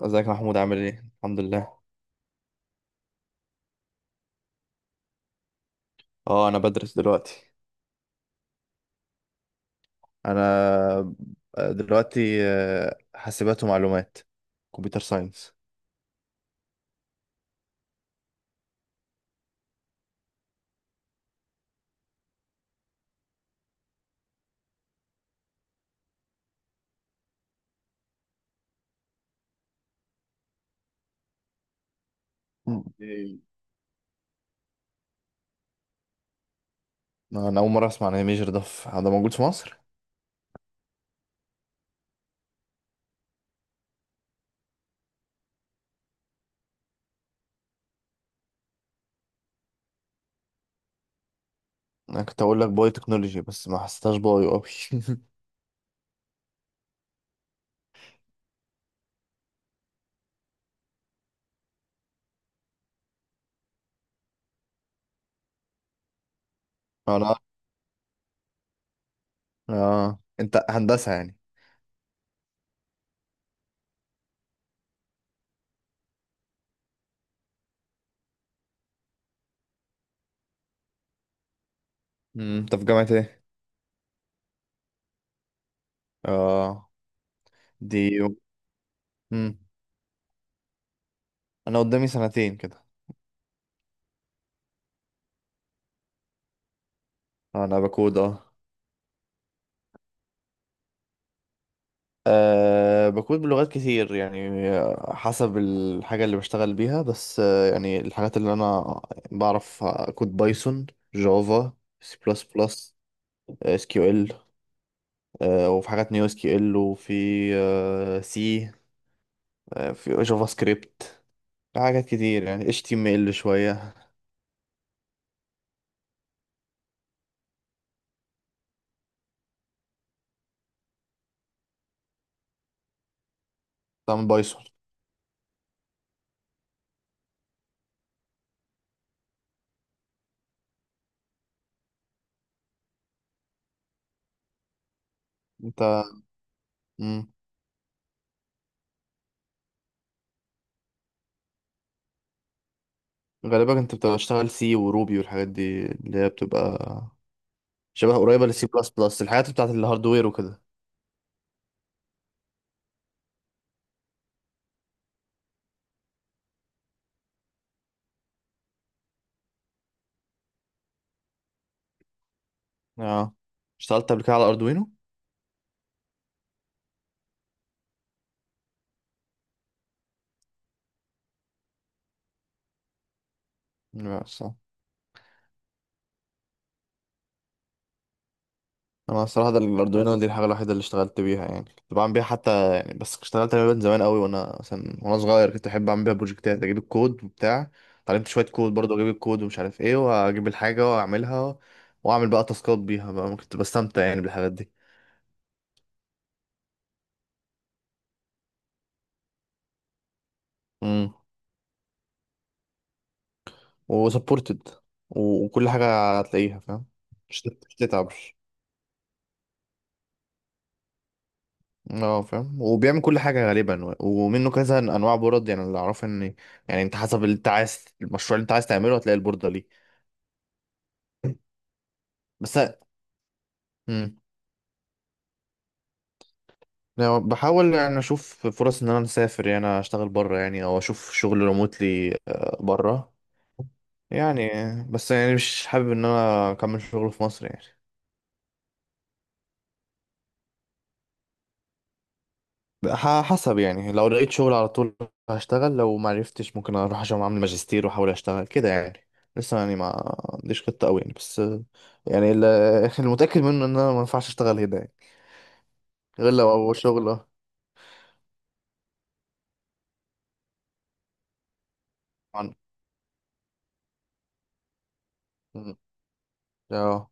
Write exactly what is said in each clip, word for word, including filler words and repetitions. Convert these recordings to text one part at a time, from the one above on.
ازيك يا محمود؟ عامل ايه؟ الحمد لله. اه، انا بدرس دلوقتي. انا دلوقتي آه، حاسبات ومعلومات، كمبيوتر ساينس. انا اول مره اسمع عن الميجر ده. في- ده موجود في مصر؟ انا كنت اقول لك باي تكنولوجي، بس ما حسيتهاش بايو قوي. انا اه انت هندسه يعني؟ مم، انت في جامعه ايه؟ اه. دي مم. انا قدامي سنتين كده. انا بكود، اه. أه بكود بلغات كتير يعني. حسب الحاجة اللي بشتغل بيها. بس أه يعني الحاجات اللي أنا بعرف: كود، بايثون، جافا، سي بلس بلس، اس كيو ال، وفي حاجات نيو اس كيو ال، وفي أه سي، أه في جافا سكريبت، في حاجات كتير يعني، اتش تي ام ال شوية. طبعا بايثون. انت مم. غالبا انت بتبقى بتشتغل سي وروبي، والحاجات دي اللي هي بتبقى شبه قريبة للسي بلس بلس، الحاجات بتاعت الهاردوير وكده. اه، اشتغلت قبل كده على اردوينو. لا، صح. انا الصراحه ده الاردوينو دي الحاجه الوحيده اللي اشتغلت بيها يعني، كنت بعمل بيها حتى يعني، بس اشتغلت عليها من زمان قوي، وانا مثلا وانا صغير كنت احب اعمل بيها بروجكتات، اجيب الكود وبتاع، اتعلمت شويه كود برضه، اجيب الكود ومش عارف ايه، واجيب الحاجه واعملها، واعمل بقى تاسكات بيها بقى. كنت بستمتع يعني بالحاجات دي. امم. وسبورتد، وكل حاجه هتلاقيها فاهم. مش تت- مش تتعب. اه، فاهم، وبيعمل كل حاجة غالبا، و- ومنه كذا انواع بورد يعني، اللي اعرفه ان يعني انت حسب اللي انت عايز، المشروع اللي انت عايز تعمله هتلاقي البوردة ليه. بس. امم. يعني بحاول يعني اشوف فرص ان انا مسافر يعني، اشتغل بره يعني او اشوف شغل ريموتلي بره يعني. بس يعني مش حابب ان انا اكمل شغل في مصر يعني. ح- حسب يعني، لو لقيت شغل على طول هشتغل، لو ما عرفتش ممكن اروح عشان اعمل ماجستير واحاول اشتغل كده يعني. لسه يعني ما عنديش خطة قوي يعني، بس يعني ال- المتأكد منه ان انا ما ينفعش اشتغل هنا يعني، غير لو اول شغل اه. عن- م. اه،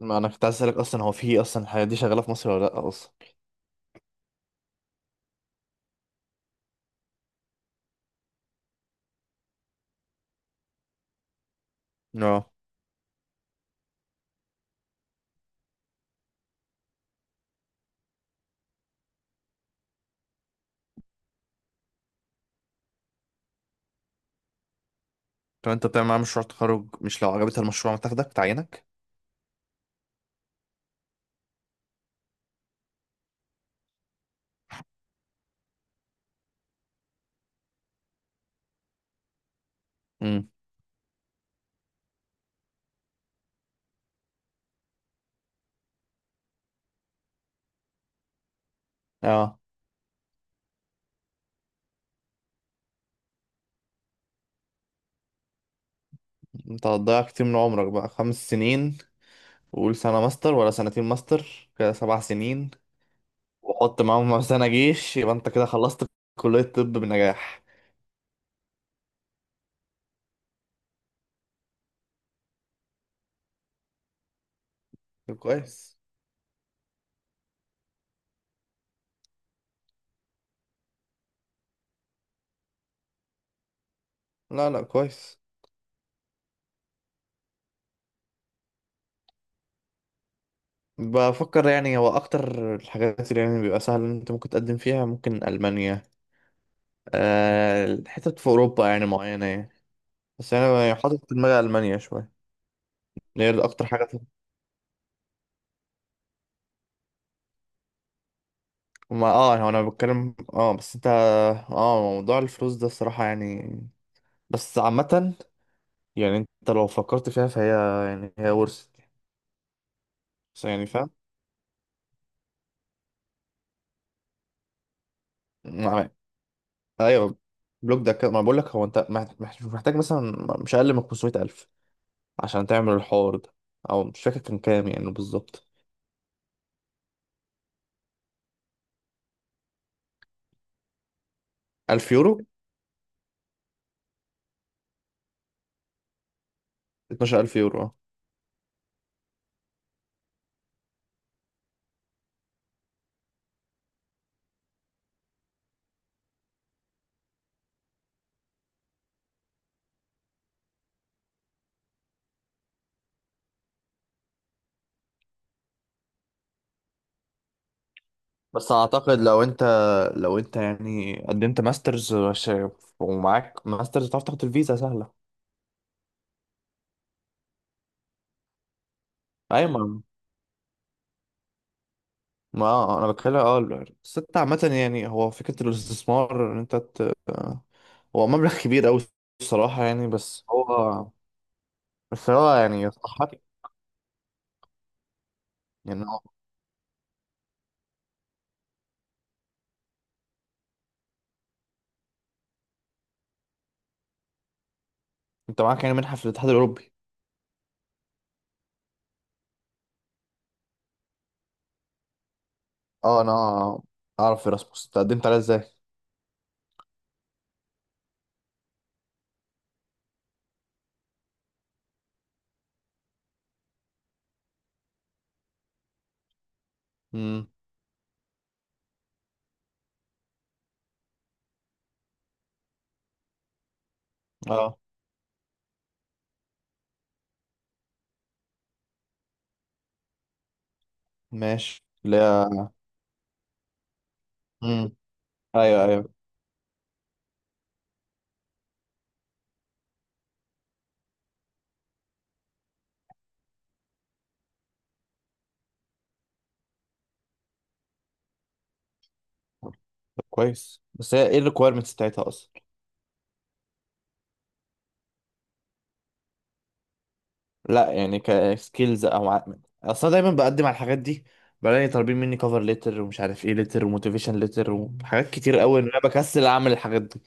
ما انا كنت عايز اسالك اصلا، هو في اصلا الحاجات دي شغالة في مصر ولا لا اصلا؟ اه، طب انت بتعمل معاه مشروع تخرج، مش لو عجبتها المشروع ما تاخدك تعينك؟ امم. اه، انت هتضيع كتير من عمرك بقى، خمس سنين، وقول سنة ماستر ولا سنتين ماستر، كده سبع سنين، وحط معاهم سنة جيش يبقى انت كده خلصت كلية طب بنجاح. طب كويس. لا لا، كويس. بفكر يعني، هو أكتر الحاجات اللي يعني بيبقى سهل إن أنت ممكن تقدم فيها ممكن ألمانيا، أه حتت في أوروبا يعني معينة يعني، بس أنا يعني حاطط في دماغي ألمانيا شوية. هي أكتر حاجة في- ما اه يعني، هو أنا بتكلم اه، بس أنت اه، موضوع الفلوس ده الصراحة يعني. بس عامة، يعني أنت لو فكرت فيها فهي يعني هي ورثة. بس يعني. فاهم. ايوه. بلوك ده كده، ما بقول لك هو انت مح- مح- محتاج مثلا مش اقل من خمسمية ألف عشان تعمل الحوار ده، او مش فاكر كان كام يعني بالظبط. ألف يورو. اتناشر ألف يورو اه. بس اعتقد لو انت، لو انت يعني قدمت ماسترز ش- ومعاك ماسترز تعرف تاخد الفيزا سهله. ايوه، ما ما آه، انا بتكلم، اه ال- بس انت عامه يعني، هو فكره الاستثمار ان انت ت... هو مبلغ كبير قوي الصراحه يعني، بس هو، بس هو يعني يستحق. يعني انت معاك يعني منحة في الاتحاد الاوروبي؟ اه انا اعرف ايراسموس، تقدمت عليها ازاي؟ امم. اه. ماشي اللي هي. امم. ايوه ايوه. طب كويس، بس هي ايه الريكويرمنتس بتاعتها اصلا؟ لا يعني كسكيلز او ع... اصلا دايما بقدم على الحاجات دي بلاقي طالبين مني كفر ليتر ومش عارف ايه ليتر، وموتيفيشن ليتر، وحاجات كتير قوي ان انا بكسل اعمل الحاجات دي.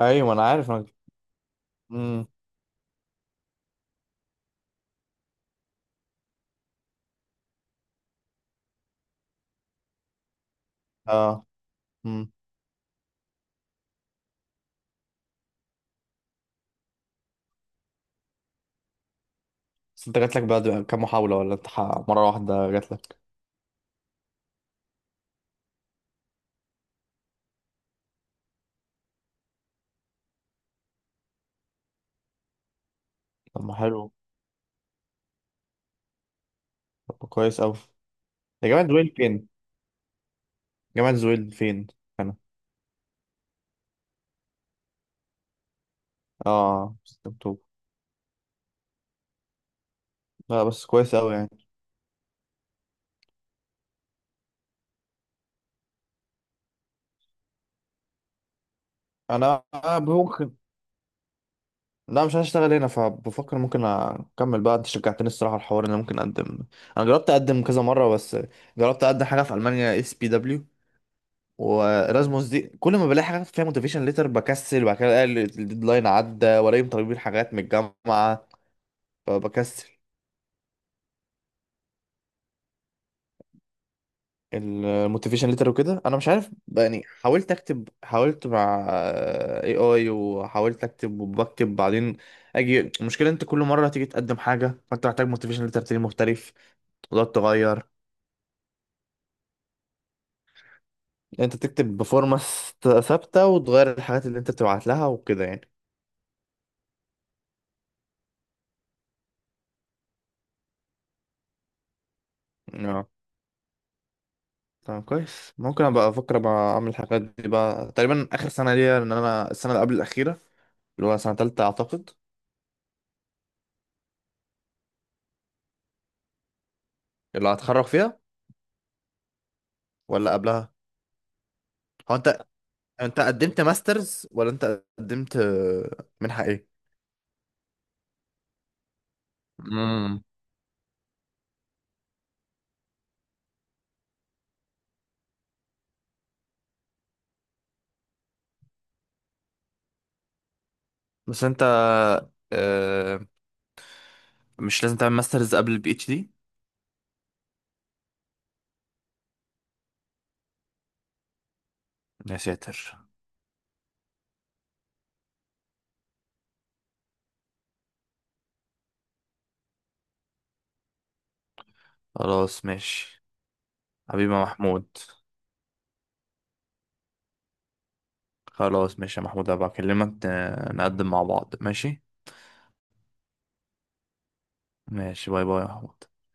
ايوه، ما انا عارف انا. امم. اه. امم. بس انت جاتلك بعد كام محاولة، ولا انت ح- مرة واحدة جاتلك؟ طب ما حلو. طب كويس قوي. يا جماعة دول فين؟ جامعة زويل فين؟ أنا. آه ست أكتوبر. لا بس كويس أوي يعني. أنا ممكن، لا مش هشتغل هنا، فبفكر ممكن أكمل بقى. أنت شجعتني الصراحة الحوار، إن أنا ممكن أقدم. أنا جربت أقدم كذا مرة، بس جربت أقدم حاجة في ألمانيا اس بي دبليو، وإرازموس دي، كل ما بلاقي حاجة فيها موتيفيشن ليتر بكسل، وبعد كده ألاقي الديدلاين عدى ولاقيهم طالبين حاجات من الجامعة فبكسل الموتيفيشن ليتر وكده، انا مش عارف بقى، يعني حاولت اكتب، حاولت مع اي اي، وحاولت اكتب وبكتب بعدين اجي المشكله. انت كل مره تيجي تقدم حاجه فانت محتاج موتيفيشن ليتر تاني مختلف، وتقعد تغير. انت تكتب بفورمه ث- ثابته وتغير الحاجات اللي انت بتبعت لها وكده يعني. اه، طب كويس، ممكن ابقى افكر ابقى اعمل الحاجات دي بقى تقريبا اخر سنه ليا، ان انا السنه اللي قبل الاخيره، اللي هو سنه تالته اعتقد. اللي هتخرج فيها ولا قبلها؟ هو انت، انت قدمت ماسترز ولا انت قدمت آه، منحة ايه؟ امم. بس انت آه مش لازم تعمل ماسترز قبل البي اتش دي؟ يا ساتر. خلاص ماشي. حبيبي يا محمود. خلاص ماشي يا محمود، هبقى اكلمك، ن- نقدم مع بعض. ماشي. ماشي، باي باي يا محمود.